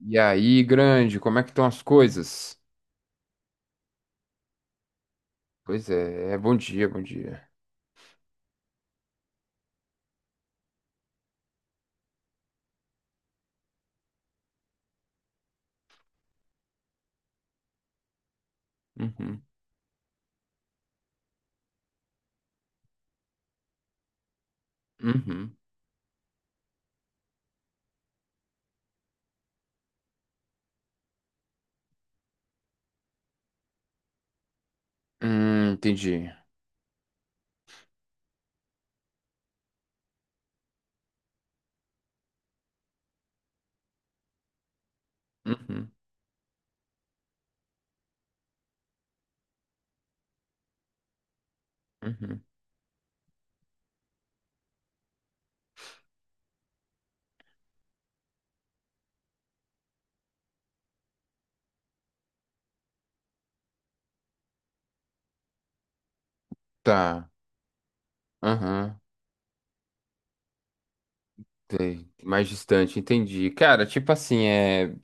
E aí, grande, como é que estão as coisas? Pois é, bom dia, bom dia. Uhum, uhum. Entendi. Uhum, uhum. Tá. Aham. Tem, mais distante, entendi. Cara, tipo assim,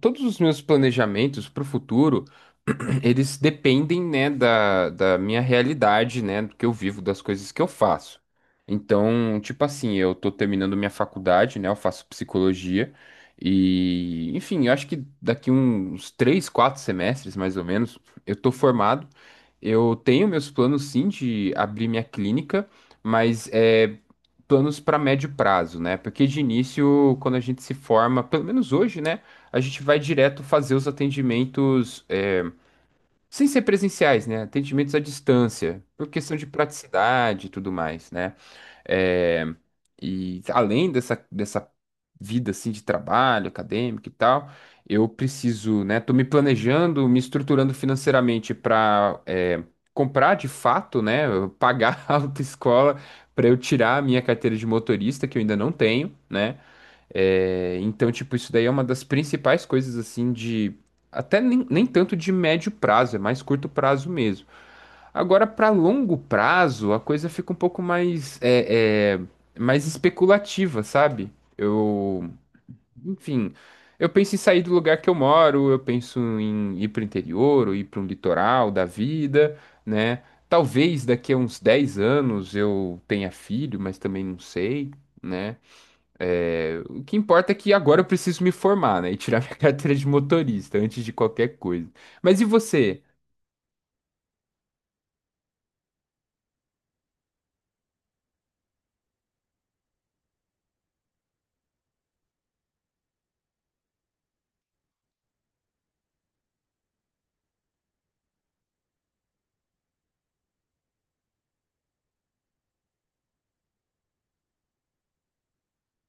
todos os meus planejamentos para o futuro, eles dependem, né, da minha realidade, né, do que eu vivo, das coisas que eu faço. Então, tipo assim, eu tô terminando minha faculdade, né, eu faço psicologia e, enfim, eu acho que daqui uns 3, 4 semestres, mais ou menos, eu tô formado. Eu tenho meus planos, sim, de abrir minha clínica, mas é planos para médio prazo, né? Porque de início, quando a gente se forma, pelo menos hoje, né? A gente vai direto fazer os atendimentos, sem ser presenciais, né? Atendimentos à distância, por questão de praticidade e tudo mais, né? É, e além dessa vida assim de trabalho, acadêmico e tal, eu preciso, né? Tô me planejando, me estruturando financeiramente para comprar de fato, né? Pagar a autoescola para eu tirar a minha carteira de motorista, que eu ainda não tenho, né? Então, tipo, isso daí é uma das principais coisas assim de. Até nem tanto de médio prazo, é mais curto prazo mesmo. Agora, para longo prazo, a coisa fica um pouco mais, mais especulativa, sabe? Enfim, eu penso em sair do lugar que eu moro, eu penso em ir para o interior, ou ir para um litoral da vida, né? Talvez daqui a uns 10 anos eu tenha filho, mas também não sei, né? O que importa é que agora eu preciso me formar, né? E tirar minha carteira de motorista antes de qualquer coisa. Mas e você?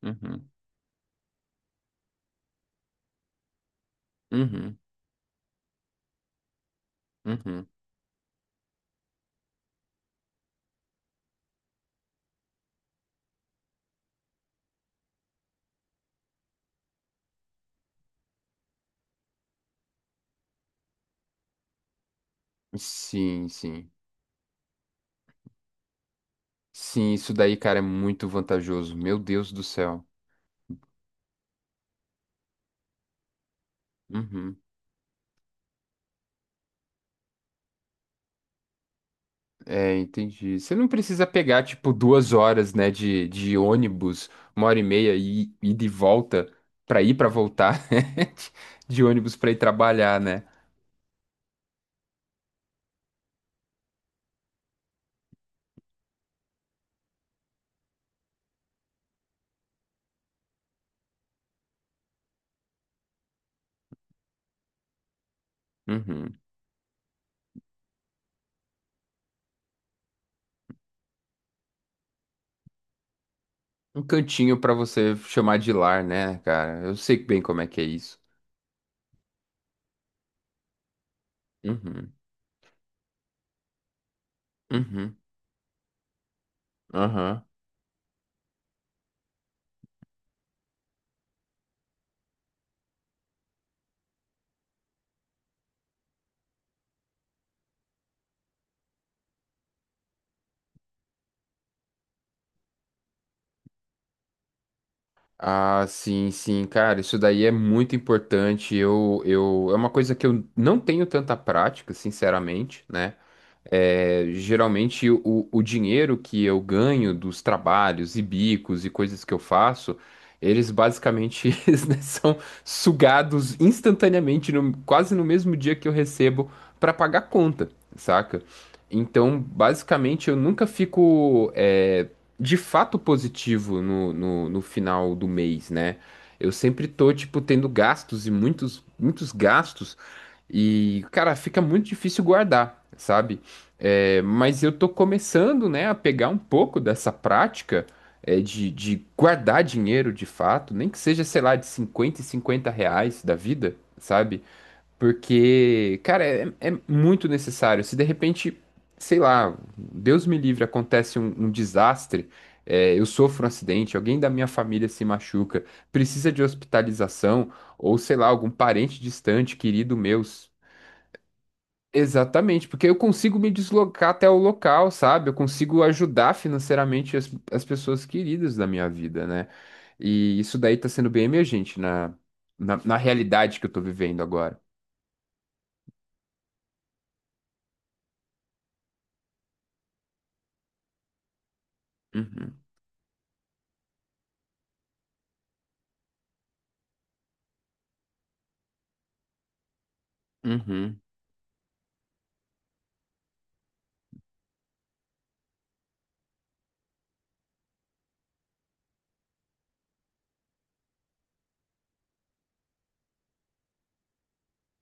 Uhum, uhum, uhum. Sim, sim. Sim, isso daí, cara, é muito vantajoso. Meu Deus do céu. Uhum. É, entendi. Você não precisa pegar, tipo, 2 horas, né, de ônibus, 1 hora e meia e ir de volta pra voltar, né? De ônibus pra ir trabalhar, né? Uhum. Um cantinho pra você chamar de lar, né, cara? Eu sei bem como é que é isso. Uhum. Uhum. Aham. Ah, sim, sim, cara, isso daí é muito importante. É uma coisa que eu não tenho tanta prática, sinceramente, né? Geralmente o dinheiro que eu ganho dos trabalhos e bicos e coisas que eu faço, eles basicamente eles, né, são sugados instantaneamente, quase no mesmo dia que eu recebo para pagar conta, saca? Então, basicamente, eu nunca fico. É, de fato positivo no, no final do mês, né? Eu sempre tô, tipo, tendo gastos e muitos, muitos gastos. E, cara, fica muito difícil guardar, sabe? Mas eu tô começando, né, a pegar um pouco dessa prática, de guardar dinheiro de fato, nem que seja, sei lá, de R$ 50 e R$ 50 da vida, sabe? Porque, cara, muito necessário. Se de repente, sei lá, Deus me livre, acontece um desastre, eu sofro um acidente, alguém da minha família se machuca, precisa de hospitalização, ou sei lá, algum parente distante, querido meu. Exatamente, porque eu consigo me deslocar até o local, sabe? Eu consigo ajudar financeiramente as pessoas queridas da minha vida, né? E isso daí tá sendo bem emergente na realidade que eu tô vivendo agora. Uhum. Uhum.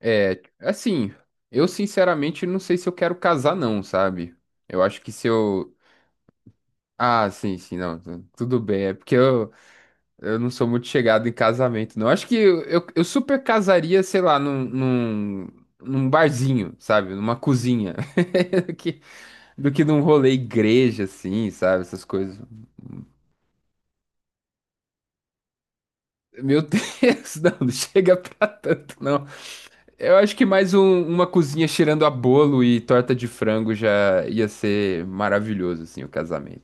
É, assim, eu sinceramente não sei se eu quero casar, não, sabe? Eu acho que se eu. Ah, sim, sim, não, tudo bem. É porque eu não sou muito chegado em casamento, não. Acho que eu super casaria, sei lá, num barzinho, sabe? Numa cozinha. Do que, do que num rolê igreja, assim, sabe? Essas coisas. Meu Deus, não, não chega pra tanto, não. Eu acho que mais uma cozinha cheirando a bolo e torta de frango já ia ser maravilhoso, assim, o casamento.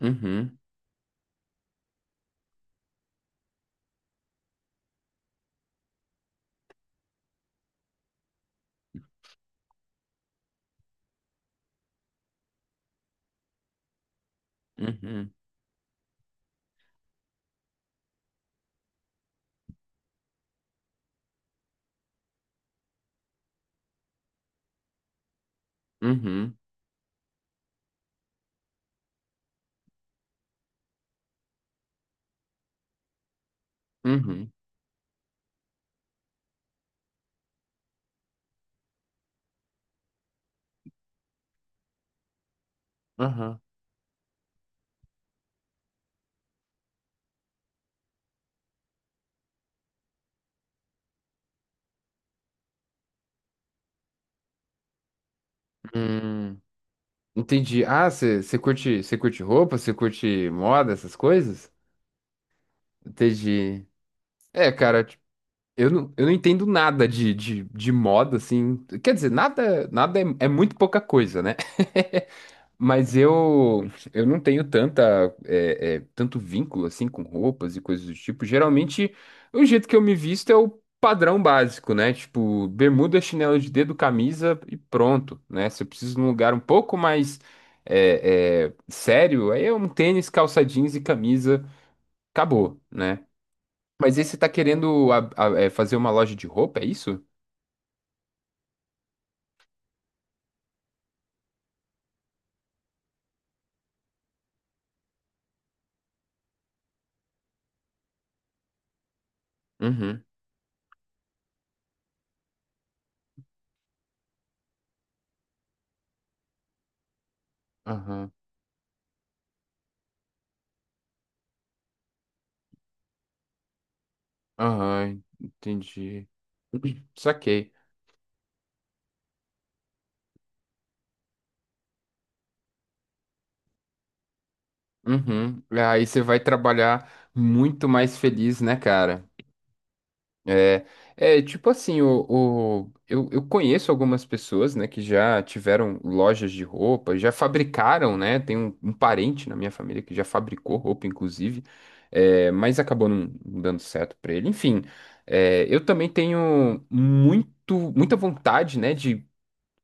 Uhum, uhum, uhum, uhum, aham. Hum, entendi. Ah, você curte roupa, você curte moda, essas coisas? Entendi. Cara, tipo, eu não entendo nada de moda, assim. Quer dizer, nada é muito pouca coisa, né? Mas eu não tenho tanta, tanto vínculo assim com roupas e coisas do tipo. Geralmente, o jeito que eu me visto é o padrão básico, né? Tipo, bermuda, chinelo de dedo, camisa e pronto, né? Se eu preciso de um lugar um pouco mais sério, aí é um tênis, calça jeans e camisa, acabou, né? Mas aí você tá querendo fazer uma loja de roupa, é isso? Uhum, aham, aham, entendi. Saquei. Uhum. É, aí você vai trabalhar muito mais feliz, né, cara? É, é, tipo assim, eu conheço algumas pessoas, né, que já tiveram lojas de roupa, já fabricaram, né? Tem um parente na minha família que já fabricou roupa, inclusive, mas acabou não dando certo pra ele. Enfim, eu também tenho muita vontade, né,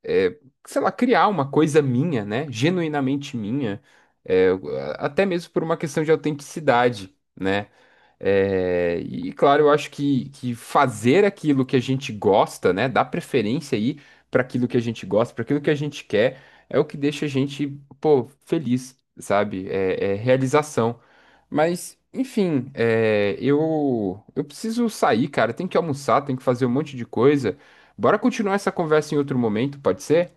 é, sei lá, criar uma coisa minha, né? Genuinamente minha, é, até mesmo por uma questão de autenticidade, né? E claro, eu acho que fazer aquilo que a gente gosta, né, dar preferência aí para aquilo que a gente gosta, para aquilo que a gente quer, é o que deixa a gente, pô, feliz, sabe? É, realização. Mas, enfim, eu preciso sair, cara. Tenho que almoçar, tenho que fazer um monte de coisa. Bora continuar essa conversa em outro momento, pode ser?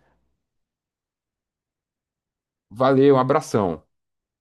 Valeu, um abração.